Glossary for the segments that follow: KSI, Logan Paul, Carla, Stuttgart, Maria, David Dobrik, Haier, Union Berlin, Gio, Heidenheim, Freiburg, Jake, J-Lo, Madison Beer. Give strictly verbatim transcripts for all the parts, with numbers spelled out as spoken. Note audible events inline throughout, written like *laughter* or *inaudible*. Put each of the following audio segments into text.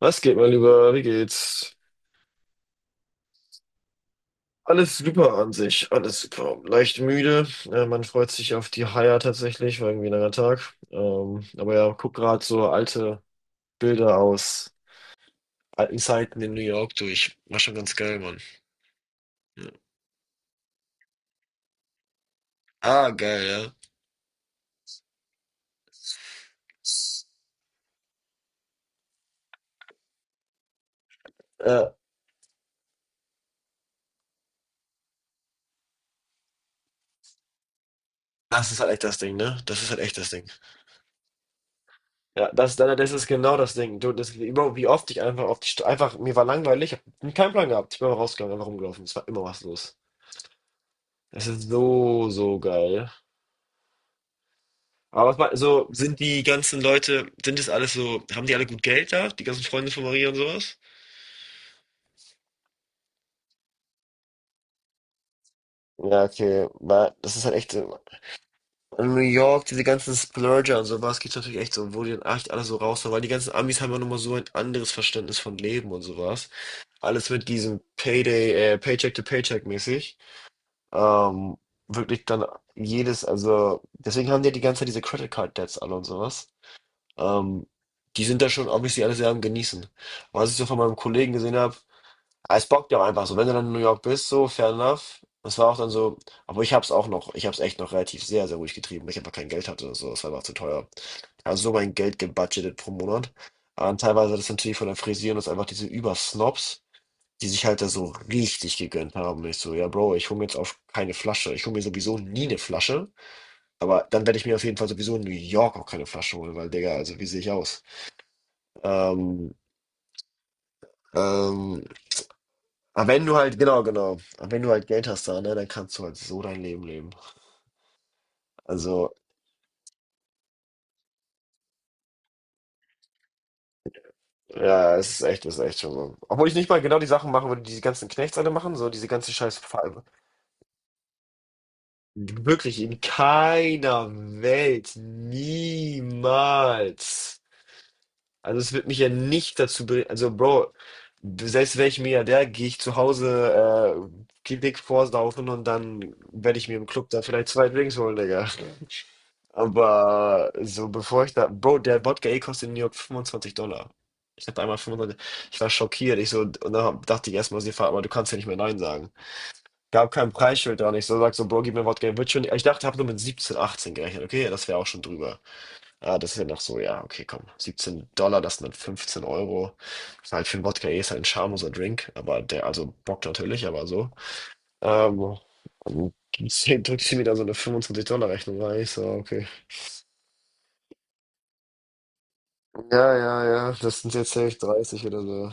Was geht, mein Lieber? Wie geht's? Alles super an sich, alles super. Leicht müde. Äh, man freut sich auf die Haier tatsächlich, war irgendwie ein langer Tag. Ähm, aber ja, guck gerade so alte Bilder aus alten Zeiten in New York durch. War schon ganz geil, Mann. Ja. Ah, geil, ja. Äh, das ist halt echt das Ding, ne? Das ist halt echt das Ding. Ja, das, das das ist genau das Ding. Du, das, über- wie oft ich einfach auf die St- einfach, mir war langweilig, ich hab keinen Plan gehabt. Ich bin mal rausgegangen, einfach rumgelaufen. Es war immer was los. Es ist so, so geil. Aber was mal, so sind die ganzen Leute, sind es alles so, haben die alle gut Geld da? Die ganzen Freunde von Maria und sowas? Ja, okay, weil das ist halt echt so- in New York. Diese ganzen Splurger und sowas gibt's natürlich echt so, wo die dann echt alle so raushauen, weil die ganzen Amis haben ja nochmal so ein anderes Verständnis von Leben und sowas. Alles mit diesem Payday, äh, Paycheck to Paycheck mäßig. Ähm, Wirklich dann jedes, also deswegen haben die ja die ganze Zeit diese Credit Card Debts alle und sowas. Ähm, Die sind da schon obviously alle sehr am Genießen. Aber was ich so von meinem Kollegen gesehen habe, es bockt ja auch einfach so. Wenn du dann in New York bist, so, fair enough. Das war auch dann so, aber ich hab's auch noch, ich hab's echt noch relativ sehr, sehr ruhig getrieben, weil ich einfach kein Geld hatte oder so, das war einfach zu teuer. Also so mein Geld gebudgetet pro Monat. Ah, und teilweise das natürlich von der Frisieren ist einfach diese Übersnobs, die sich halt da so richtig gegönnt haben. Und ich so, ja Bro, ich hole mir jetzt auf keine Flasche. Ich hole mir sowieso nie eine Flasche. Aber dann werde ich mir auf jeden Fall sowieso in New York auch keine Flasche holen, weil Digga, also wie sehe ich aus? Ähm, ähm, aber wenn du halt, genau, genau, aber wenn du halt Geld hast da, ne, dann kannst du halt so dein Leben leben. Also, ja, es ist echt, es ist echt schon so. Obwohl ich nicht mal genau die Sachen machen würde, die diese ganzen Knechts alle machen, so diese ganze Scheiß. Wirklich, in keiner Welt, niemals. Also es wird mich ja nicht dazu bringen, also Bro, selbst wäre ich Milliardär, gehe ich zu Hause äh, Klinik vorsaufen und dann werde ich mir im Club da vielleicht zwei Drinks holen, Digga. Aber so bevor ich da, Bro, der Wodka E kostet in New York fünfundzwanzig Dollar. Ich hatte einmal fünfundzwanzig, ich war schockiert. Ich so, und dann dachte ich erstmal, sie fahren, aber du kannst ja nicht mehr Nein sagen. Gab kein Preisschild dran. Ich so, sag so, Bro, gib mir Wodka E, wird schon. Ich dachte, hab nur mit siebzehn, achtzehn gerechnet. Okay, das wäre auch schon drüber. Ah, das ist ja noch so, ja, okay, komm. Siebzehn Dollar, das sind dann fünfzehn Euro. Ist halt für 'n Wodka eh, ist halt 'n schamloser Drink, aber der, also Bock natürlich, aber so. Ähm, und zehn drückt sie mir da so eine fünfundzwanzig Dollar $-Rechnung rein. Ich so: „Okay.“ Ja, ja, ja, das sind jetzt echt dreißig oder so.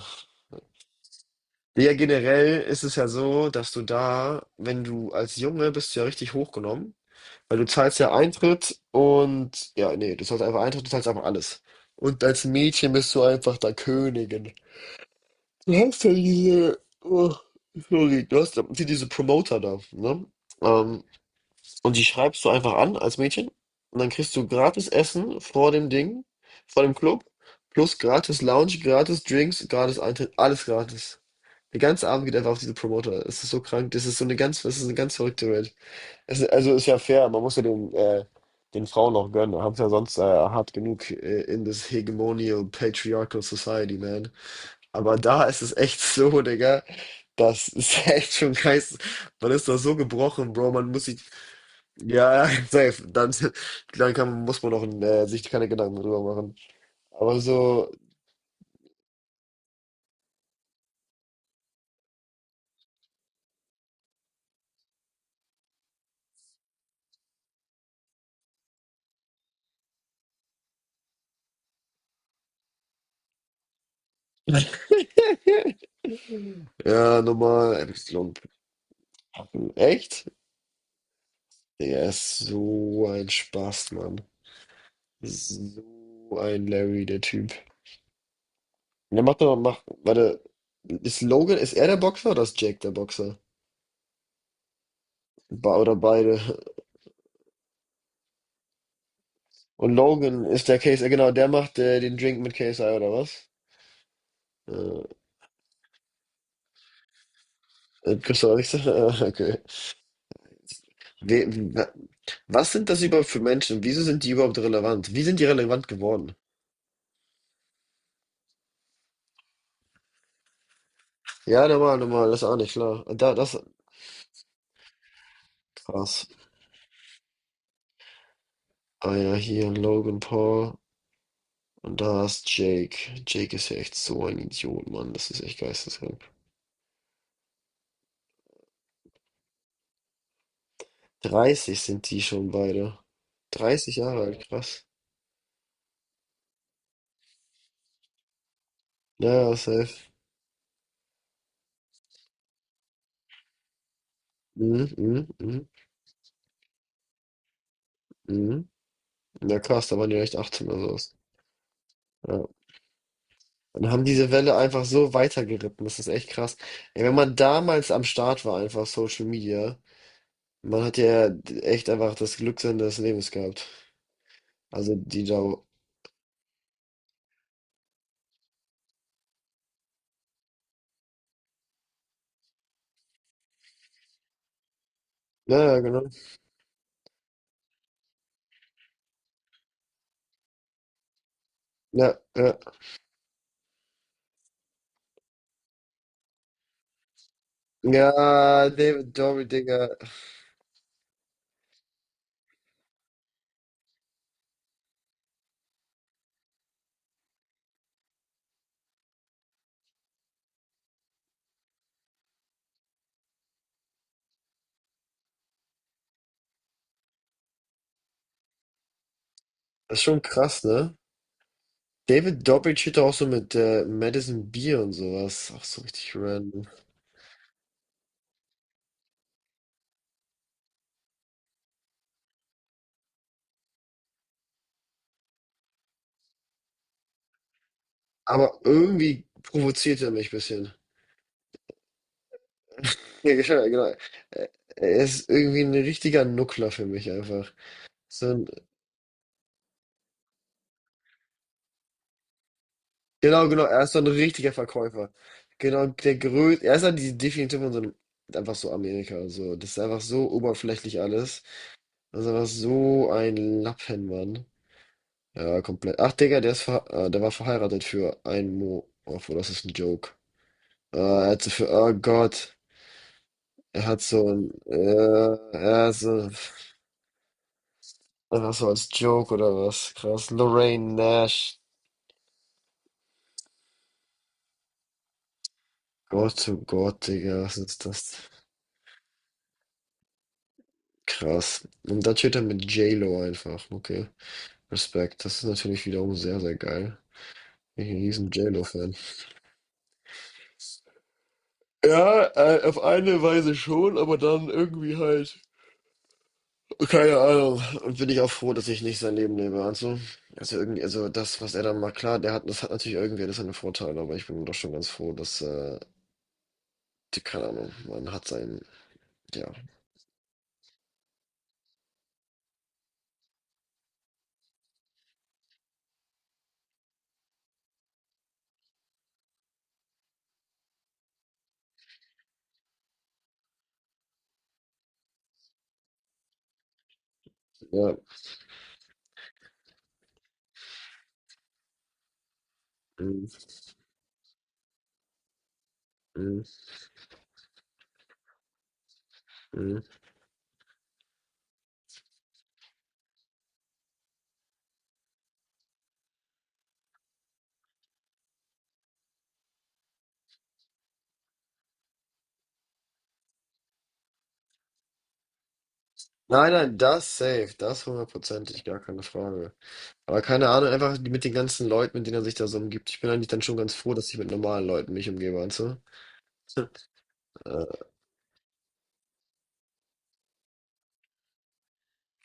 Ja, generell ist es ja so, dass du da, wenn du als Junge bist du ja richtig hochgenommen, weil du zahlst ja Eintritt und ja, nee, du zahlst einfach Eintritt, du zahlst einfach alles. Und als Mädchen bist du einfach da Königin. Du hast ja diese, oh, sorry, du hast ja hier diese Promoter da, ne? Ähm, und die schreibst du einfach an als Mädchen und dann kriegst du gratis Essen vor dem Ding, vor dem Club, plus gratis Lounge, gratis Drinks, gratis Eintritt, alles gratis. Der ganze Abend geht einfach auf diese Promoter. Es ist so krank, das ist so eine ganz, das ist eine ganz verrückte Welt. Es ist, also ist ja fair, man muss ja den, äh, den Frauen auch gönnen. Haben es ja sonst äh, hart genug äh, in this hegemonial patriarchal society, man. Aber da ist es echt *laughs* so, Digga. Das ist *laughs* echt schon geist. Man ist da so gebrochen, Bro. Man muss sich. Ja, *laughs* ja, safe. Dann, dann kann, muss man auch äh, sich keine Gedanken drüber machen. Aber so. *laughs* Ja, nochmal Epsilon. Echt? Der ist so ein Spaß, Mann. So ein Larry, der Typ. Der macht doch, macht, warte, ist Logan, ist er der Boxer oder ist Jack der Boxer? Ba oder beide? Und Logan ist der Case, äh, genau, der macht äh, den Drink mit K S I oder was? Äh, äh, Christoph Richter? *laughs* Äh, okay. We, wa- was sind das überhaupt für Menschen? Wieso sind die überhaupt relevant? Wie sind die relevant geworden? Ja, normal, normal, das ist auch nicht klar. Da, das krass. Ah ja, hier Logan Paul und da ist Jake. Jake ist ja echt so ein Idiot, Mann. Das ist echt geisteskrank. Dreißig sind die schon beide. Dreißig Jahre alt, krass. Naja, safe. Mhm, mhm, mhm, mhm. Ja, krass, da waren die echt achtzehn oder sowas. Ja. Und haben diese Welle einfach so weitergeritten. Das ist echt krass. Ey, wenn man damals am Start war, einfach Social Media, man hat ja echt einfach das Glück seines Lebens gehabt. Also die da. Ja, ja, genau. Ja, ja. Ja, David Dobrik, Digga. Das ist schon krass, ne? David Dobrik steht da auch so mit äh, Madison Beer und sowas. Auch so richtig random. Aber irgendwie provoziert er mich ein bisschen. Ja, genau, genau. Äh, er ist irgendwie ein richtiger Nuckler für mich einfach. So ein, genau, genau, er ist so ein richtiger Verkäufer. Genau, der größte, er ist halt die Definition von so einem, einfach so Amerika, so. Das ist einfach so oberflächlich alles. Das ist einfach so ein Lappenmann. Ja, komplett. Ach, Digga, der ist ver äh, der war verheiratet für einen Mo. Obwohl, das ist ein Joke. Äh, er hat so für, oh Gott, er hat so ein, äh, er ist so, einfach so als Joke oder was? Krass. Lorraine Nash. Gott, oh Gott, Digga, was ist das? Krass. Und dann steht er mit J-Lo einfach. Okay, Respekt. Das ist natürlich wiederum sehr, sehr geil. Bin ich, bin ein riesen J-Lo-Fan. Ja, äh, auf eine Weise schon, aber dann irgendwie halt. Keine Ahnung. Und bin ich auch froh, dass ich nicht sein Leben lebe. Also, also irgendwie, also das, was er dann macht, klar, der hat, das hat natürlich irgendwie alles seine Vorteile, aber ich bin doch schon ganz froh, dass, äh, die, keine Ahnung, man hat sein, ja. Ja. Mm, mm, mm. Nein, nein, das safe, das hundertprozentig, gar keine Frage. Aber keine Ahnung, einfach die- mit den ganzen Leuten, mit denen er sich da so umgibt. Ich bin eigentlich dann schon ganz froh, dass ich mit normalen Leuten mich umgebe, weißt du? *laughs* Äh,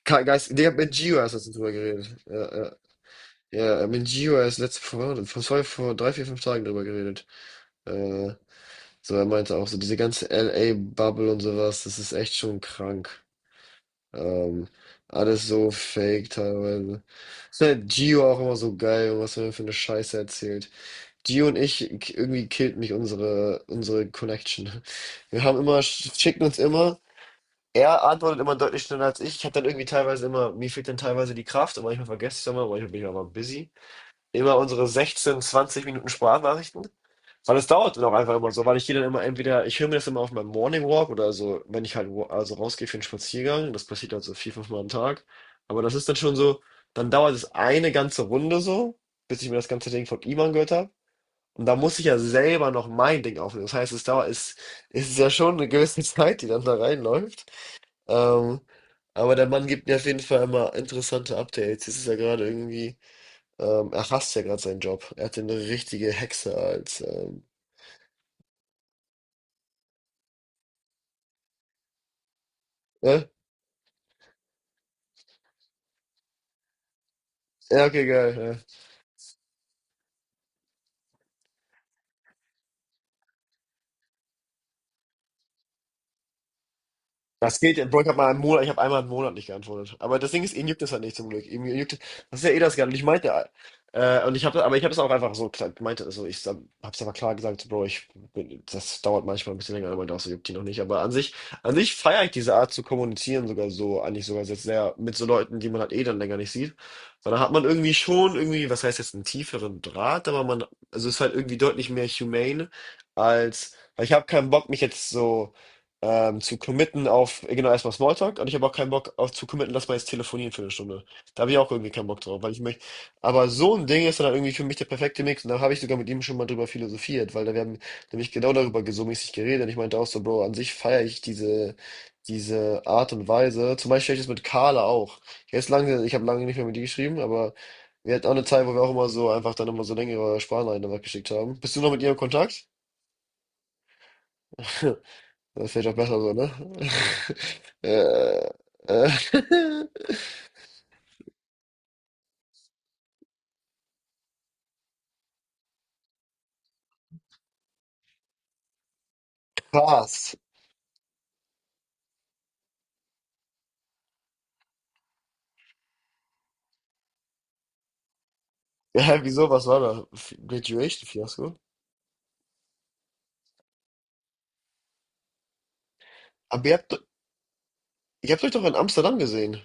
Kai- Geist, Digga, mit Gio hast du jetzt drüber geredet. Ja, ja, ja, mit Gio erst letzte, vor, vor, sorry, vor drei, vier, fünf Tagen drüber geredet. Äh, so, er meinte auch so, diese ganze L A-Bubble und sowas, das ist echt schon krank. Ähm, alles so fake teilweise. Ist halt Gio auch immer so geil, und was er mir für eine Scheiße erzählt. Die und ich, k- irgendwie killt mich unsere, unsere Connection. *laughs* Wir haben immer, sch- schicken uns immer, er antwortet immer deutlich schneller als ich. Ich habe dann irgendwie teilweise immer, mir fehlt dann teilweise die Kraft und manchmal vergesse ich es immer, manchmal bin ich auch mal busy. Immer unsere sechzehn, zwanzig Minuten Sprachnachrichten. Weil es dauert dann auch einfach immer so, weil ich gehe dann immer entweder, ich höre mir das immer auf meinem Morning Walk oder so, wenn ich halt wa- also rausgehe für einen Spaziergang. Das passiert halt so vier, fünf Mal am Tag. Aber das ist dann schon so, dann dauert es eine ganze Runde so, bis ich mir das ganze Ding von ihm angehört habe. Und da muss ich ja selber noch mein Ding aufnehmen. Das heißt, es dauert, es, es ist ja schon eine gewisse *laughs* Zeit, die dann da reinläuft. Ähm, aber der Mann gibt mir auf jeden Fall immer interessante Updates. Es ist ja gerade irgendwie, ähm, er hasst ja gerade seinen Job. Er hat eine richtige Hexe als, ähm, ne? Ja, okay, geil. Ja. Das geht, Bro, ich habe mal einen Monat, ich habe einmal einen Monat nicht geantwortet. Aber das Ding ist, ihn juckt es halt nicht zum Glück. Ihm juckt, das ist ja eh das gar. Und ich meinte, äh, und ich habe, aber ich habe es auch einfach so gesagt, meinte, also ich sag- hab's aber klar gesagt, Bro, ich bin, das dauert manchmal ein bisschen länger, aber das juckt ihn noch nicht. Aber an sich, an sich feiere ich diese Art zu kommunizieren sogar so, eigentlich sogar jetzt sehr mit so Leuten, die man halt eh dann länger nicht sieht. Weil da hat man irgendwie schon irgendwie, was heißt jetzt, einen tieferen Draht, aber man, also ist halt irgendwie deutlich mehr humane als, weil ich habe keinen Bock, mich jetzt so ähm, zu committen auf, äh, genau, erstmal Smalltalk. Und ich habe auch keinen Bock auf zu committen, dass wir jetzt telefonieren für eine Stunde. Da habe ich auch irgendwie keinen Bock drauf, weil ich möchte. Aber so ein Ding ist dann halt irgendwie für mich der perfekte Mix. Und da habe ich sogar mit ihm schon mal drüber philosophiert, weil da wir haben nämlich genau darüber so mäßig geredet. Und ich meinte auch so, Bro, an sich feiere ich diese, diese Art und Weise. Zum Beispiel ich das mit Carla auch. Jetzt lange, ich habe lange nicht mehr mit ihr geschrieben, aber wir hatten auch eine Zeit, wo wir auch immer so einfach dann immer so längere Sprachnachrichten geschickt haben. Bist du noch mit ihr im Kontakt? *laughs* Das ist vielleicht auch besser so, ne? *laughs* äh, äh, *laughs* Spaß. Ja, wieso? Was war da? F- Graduation-Fiasko? Aber ihr habt, ihr habt euch doch in Amsterdam gesehen.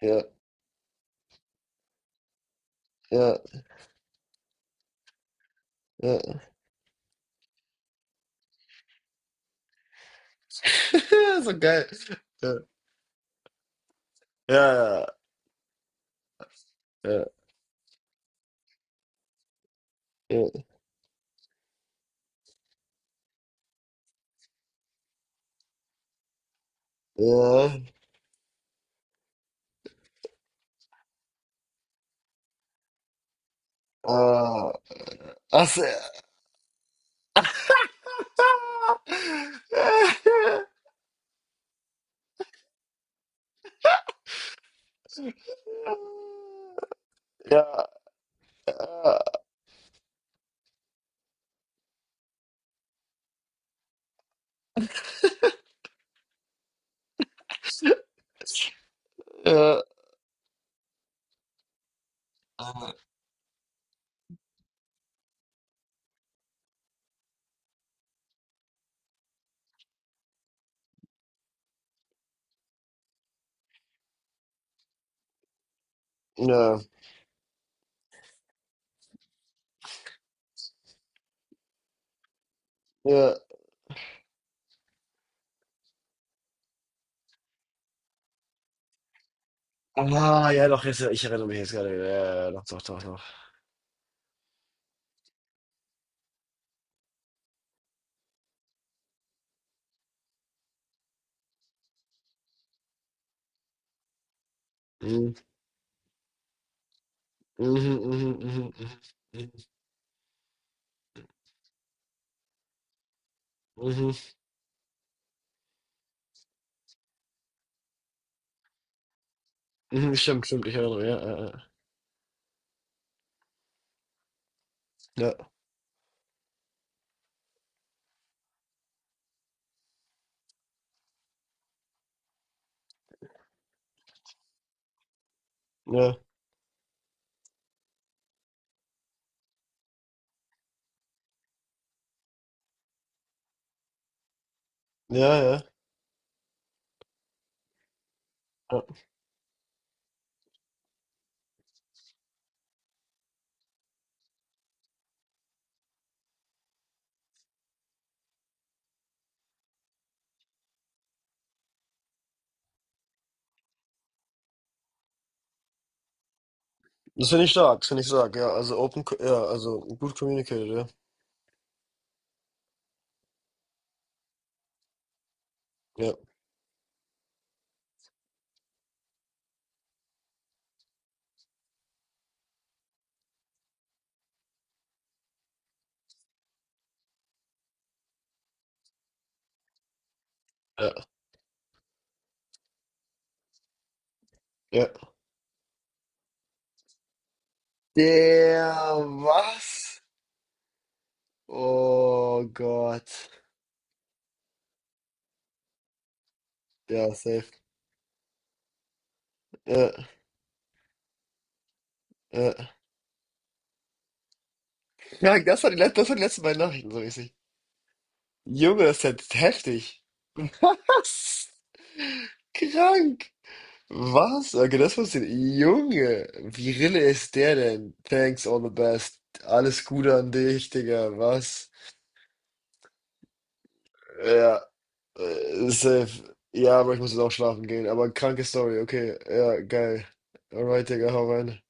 Ja, ja, ja. *laughs* So geil. Ja, ja, ja, ja, ja. Ah, ach, so. *laughs* Ja, ja, ja, ja, ja. Ah, ja, doch, jetzt, ich erinnere mich jetzt gerade. Ja, ja, ja, doch, doch, doch, doch. Mhm, mhm, mhm, mhm, mhm, mhm, mhm, mhm, stimmt, stimmt, ich erinnere mich. Ja, ja, ja, ja, ja, ja, ja, ja. Das finde ich stark, das finde ich stark, ja. Also open, co- ja, also gut communicated, ja. Ja, ja, ja. Der was? Oh Gott. Ja, safe. Ja, ja. Ja, das war die, let- das waren die letzten beiden Nachrichten, so richtig. Junge, das ist ja heftig. *laughs* Was? Krank. Was? Okay, das wusste ich. Junge, wie Rille ist der denn? Thanks, all the best. Alles Gute an dich, Digga. Was? Ja, äh, safe. Ja, aber ich muss jetzt auch schlafen gehen. Aber kranke Story, okay. Ja, geil. Alright, Digga, hau rein.